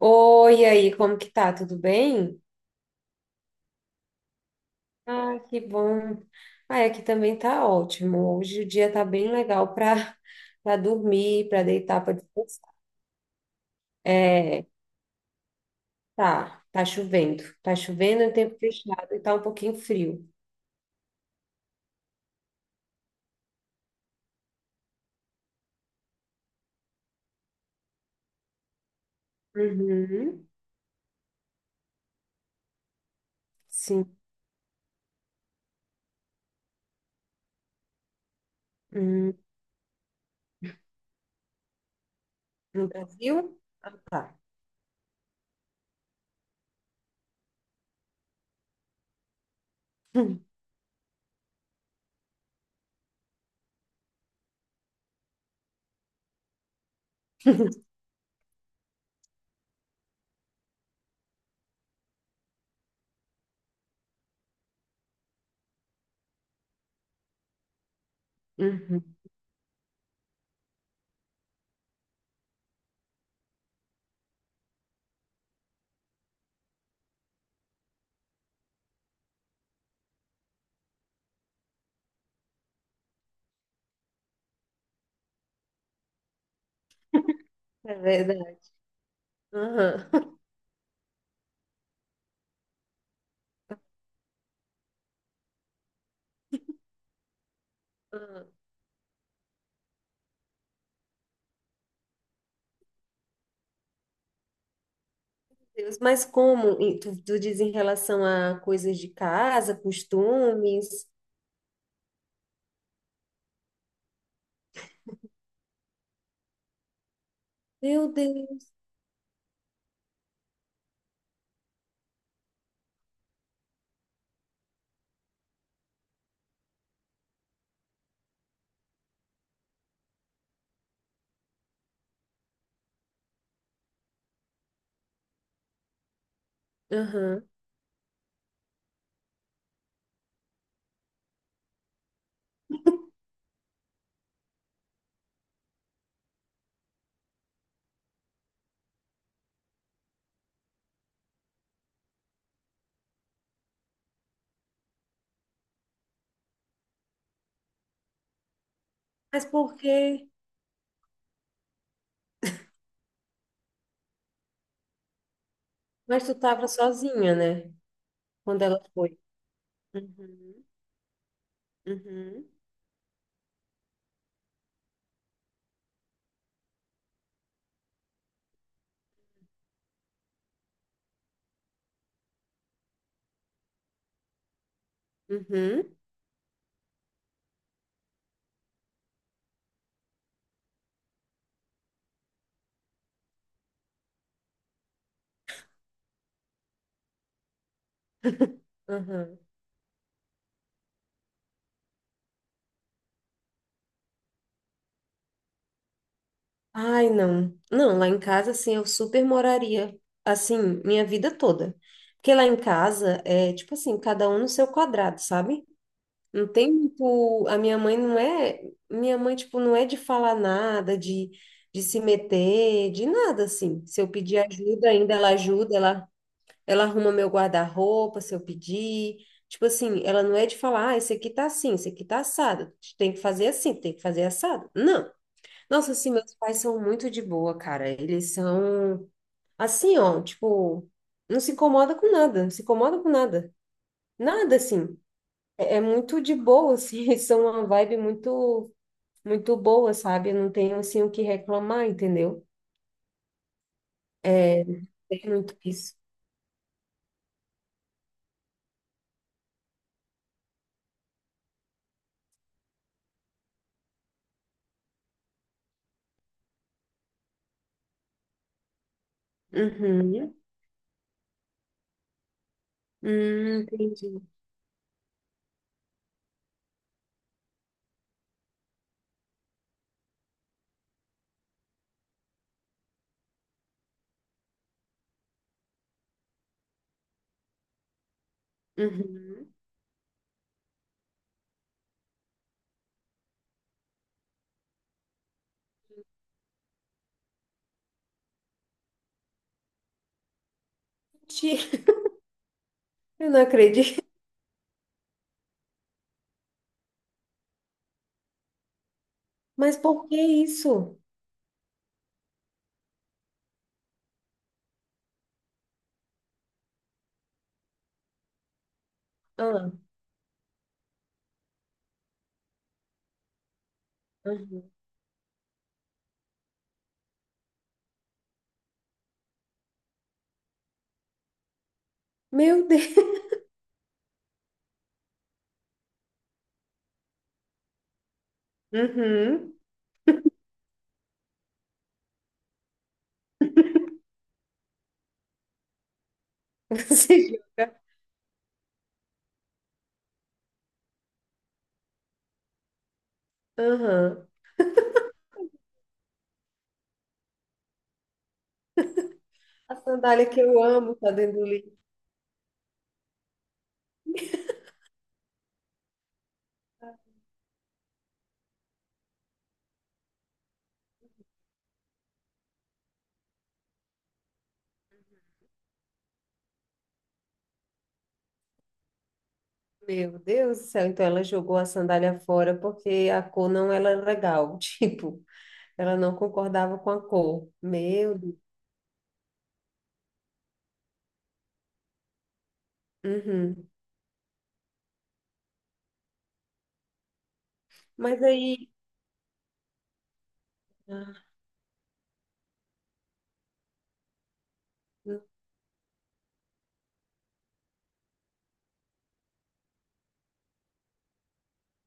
Oi, e aí, como que tá? Tudo bem? Ah, que bom. Ah, aqui também tá ótimo. Hoje o dia tá bem legal para dormir, para deitar, para descansar. É, tá, tá chovendo. Tá chovendo em tempo fechado e tá um pouquinho frio. Uhum, sim. Hum, no Brasil? Ah, tá. Hum. Uhum, é verdade. Aham. Aham. Deus, mas como? E tu diz em relação a coisas de casa, costumes? Meu Deus. Aham. Mas por quê? Mas tu tava sozinha, né? Quando ela foi. Uhum, uhum, uhum, uhum. Ai, não. Não, lá em casa, assim, eu super moraria, assim, minha vida toda. Porque lá em casa é, tipo assim, cada um no seu quadrado, sabe? Não tem muito. A minha mãe não é. Minha mãe, tipo, não é de falar nada, de se meter, de nada, assim. Se eu pedir ajuda, ainda ela ajuda, ela arruma meu guarda-roupa se eu pedir. Tipo assim, ela não é de falar, ah, esse aqui tá assim, esse aqui tá assado. Tem que fazer assim, tem que fazer assado. Não. Nossa, assim, meus pais são muito de boa, cara. Eles são assim, ó, tipo, não se incomoda com nada, não se incomoda com nada. Nada, assim. É, é muito de boa, assim. Eles são uma vibe muito, muito boa, sabe? Eu não tenho, assim, o que reclamar, entendeu? É, tem muito isso. Uhum. Entendi. Uhum. Gente, eu não acredito. Mas por que isso? Ah, uhum. Meu Deus. Uhum. Você joga. Uhum. A sandália que eu amo tá dentro do lixo. Meu Deus do céu. Então ela jogou a sandália fora porque a cor não era legal. Tipo, ela não concordava com a cor. Meu Deus. Uhum. Mas aí, ah,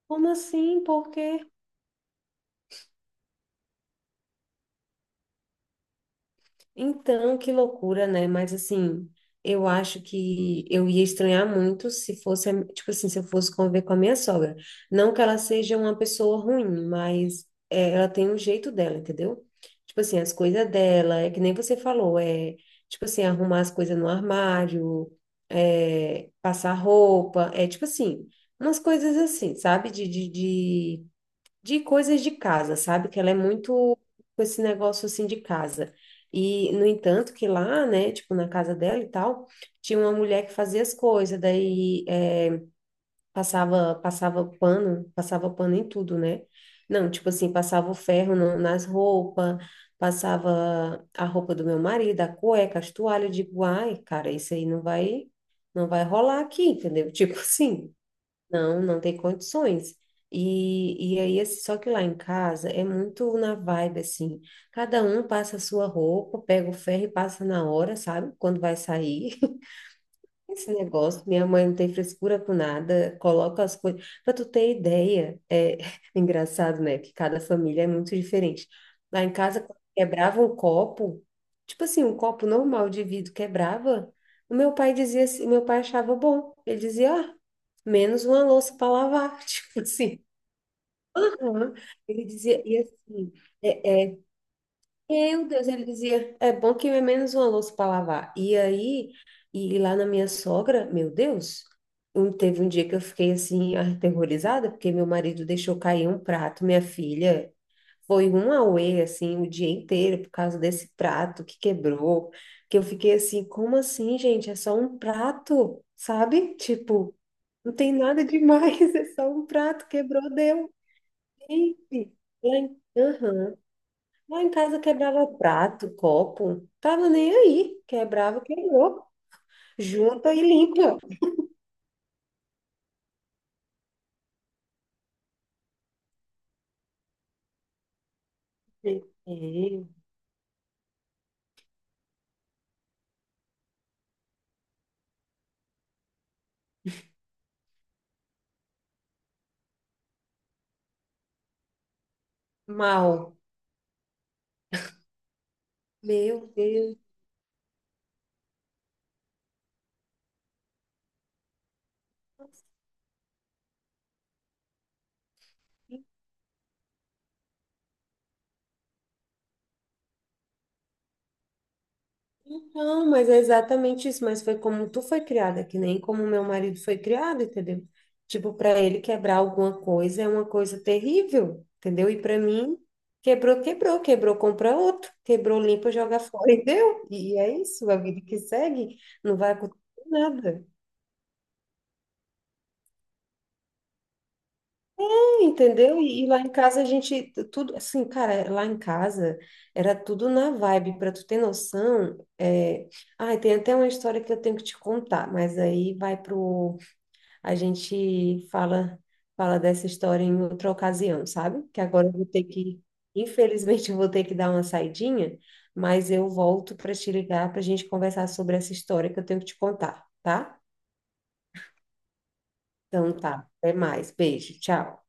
como assim? Por quê? Então, que loucura, né? Mas assim, eu acho que eu ia estranhar muito se fosse, a- tipo assim, se eu fosse conviver com a minha sogra. Não que ela seja uma pessoa ruim, mas é, ela tem um jeito dela, entendeu? Tipo assim, as coisas dela, é que nem você falou, é tipo assim, arrumar as coisas no armário, é, passar roupa, é tipo assim, umas coisas assim, sabe? De, de coisas de casa, sabe? Que ela é muito com esse negócio assim de casa. E, no entanto, que lá, né, tipo, na casa dela e tal, tinha uma mulher que fazia as coisas, daí passava, pano, passava pano em tudo, né? Não, tipo assim, passava o ferro no- nas roupas, passava a roupa do meu marido, a cueca, as toalhas, eu digo, ai, cara, isso aí não vai, não vai rolar aqui, entendeu? Tipo assim. Não, não tem condições. E aí, assim, só que lá em casa é muito na vibe, assim. Cada um passa a sua roupa, pega o ferro e passa na hora, sabe? Quando vai sair. Esse negócio, minha mãe não tem frescura com nada, coloca as coisas. Para tu ter ideia, é engraçado, né? Que cada família é muito diferente. Lá em casa, quando quebrava um copo, tipo assim, um copo normal de vidro quebrava, o meu pai dizia assim, meu pai achava bom. Ele dizia, ah, menos uma louça para lavar. Tipo assim, aham. Ele dizia, e assim, é meu Deus, ele dizia, é bom que é menos uma louça para lavar. E aí, e lá na minha sogra, meu Deus, um- teve um dia que eu fiquei assim, aterrorizada, porque meu marido deixou cair um prato, minha filha. Foi um auê, assim, o dia inteiro por causa desse prato que quebrou, que eu fiquei assim, como assim, gente? É só um prato, sabe? Tipo, não tem nada demais, é só um prato, quebrou, deu. Gente, lá em- Aham. Lá em casa quebrava prato, copo, tava nem aí. Quebrava, quebrou. Junta e limpa. É, mal. Meu Deus. Não, mas é exatamente isso. Mas foi como tu foi criada, que nem como meu marido foi criado, entendeu? Tipo, para ele quebrar alguma coisa é uma coisa terrível, entendeu? E para mim, quebrou, quebrou, quebrou, compra outro, quebrou, limpa, joga fora e deu. E é isso, a vida que segue, não vai acontecer nada. Entendeu? E lá em casa a gente, tudo, assim, cara, lá em casa era tudo na vibe, para tu ter noção, é... Ai, tem até uma história que eu tenho que te contar, mas aí vai pro, a gente fala, fala dessa história em outra ocasião, sabe? Que agora eu vou ter que, infelizmente eu vou ter que dar uma saidinha, mas eu volto para te ligar para a gente conversar sobre essa história que eu tenho que te contar, tá? Então tá, até mais, beijo, tchau.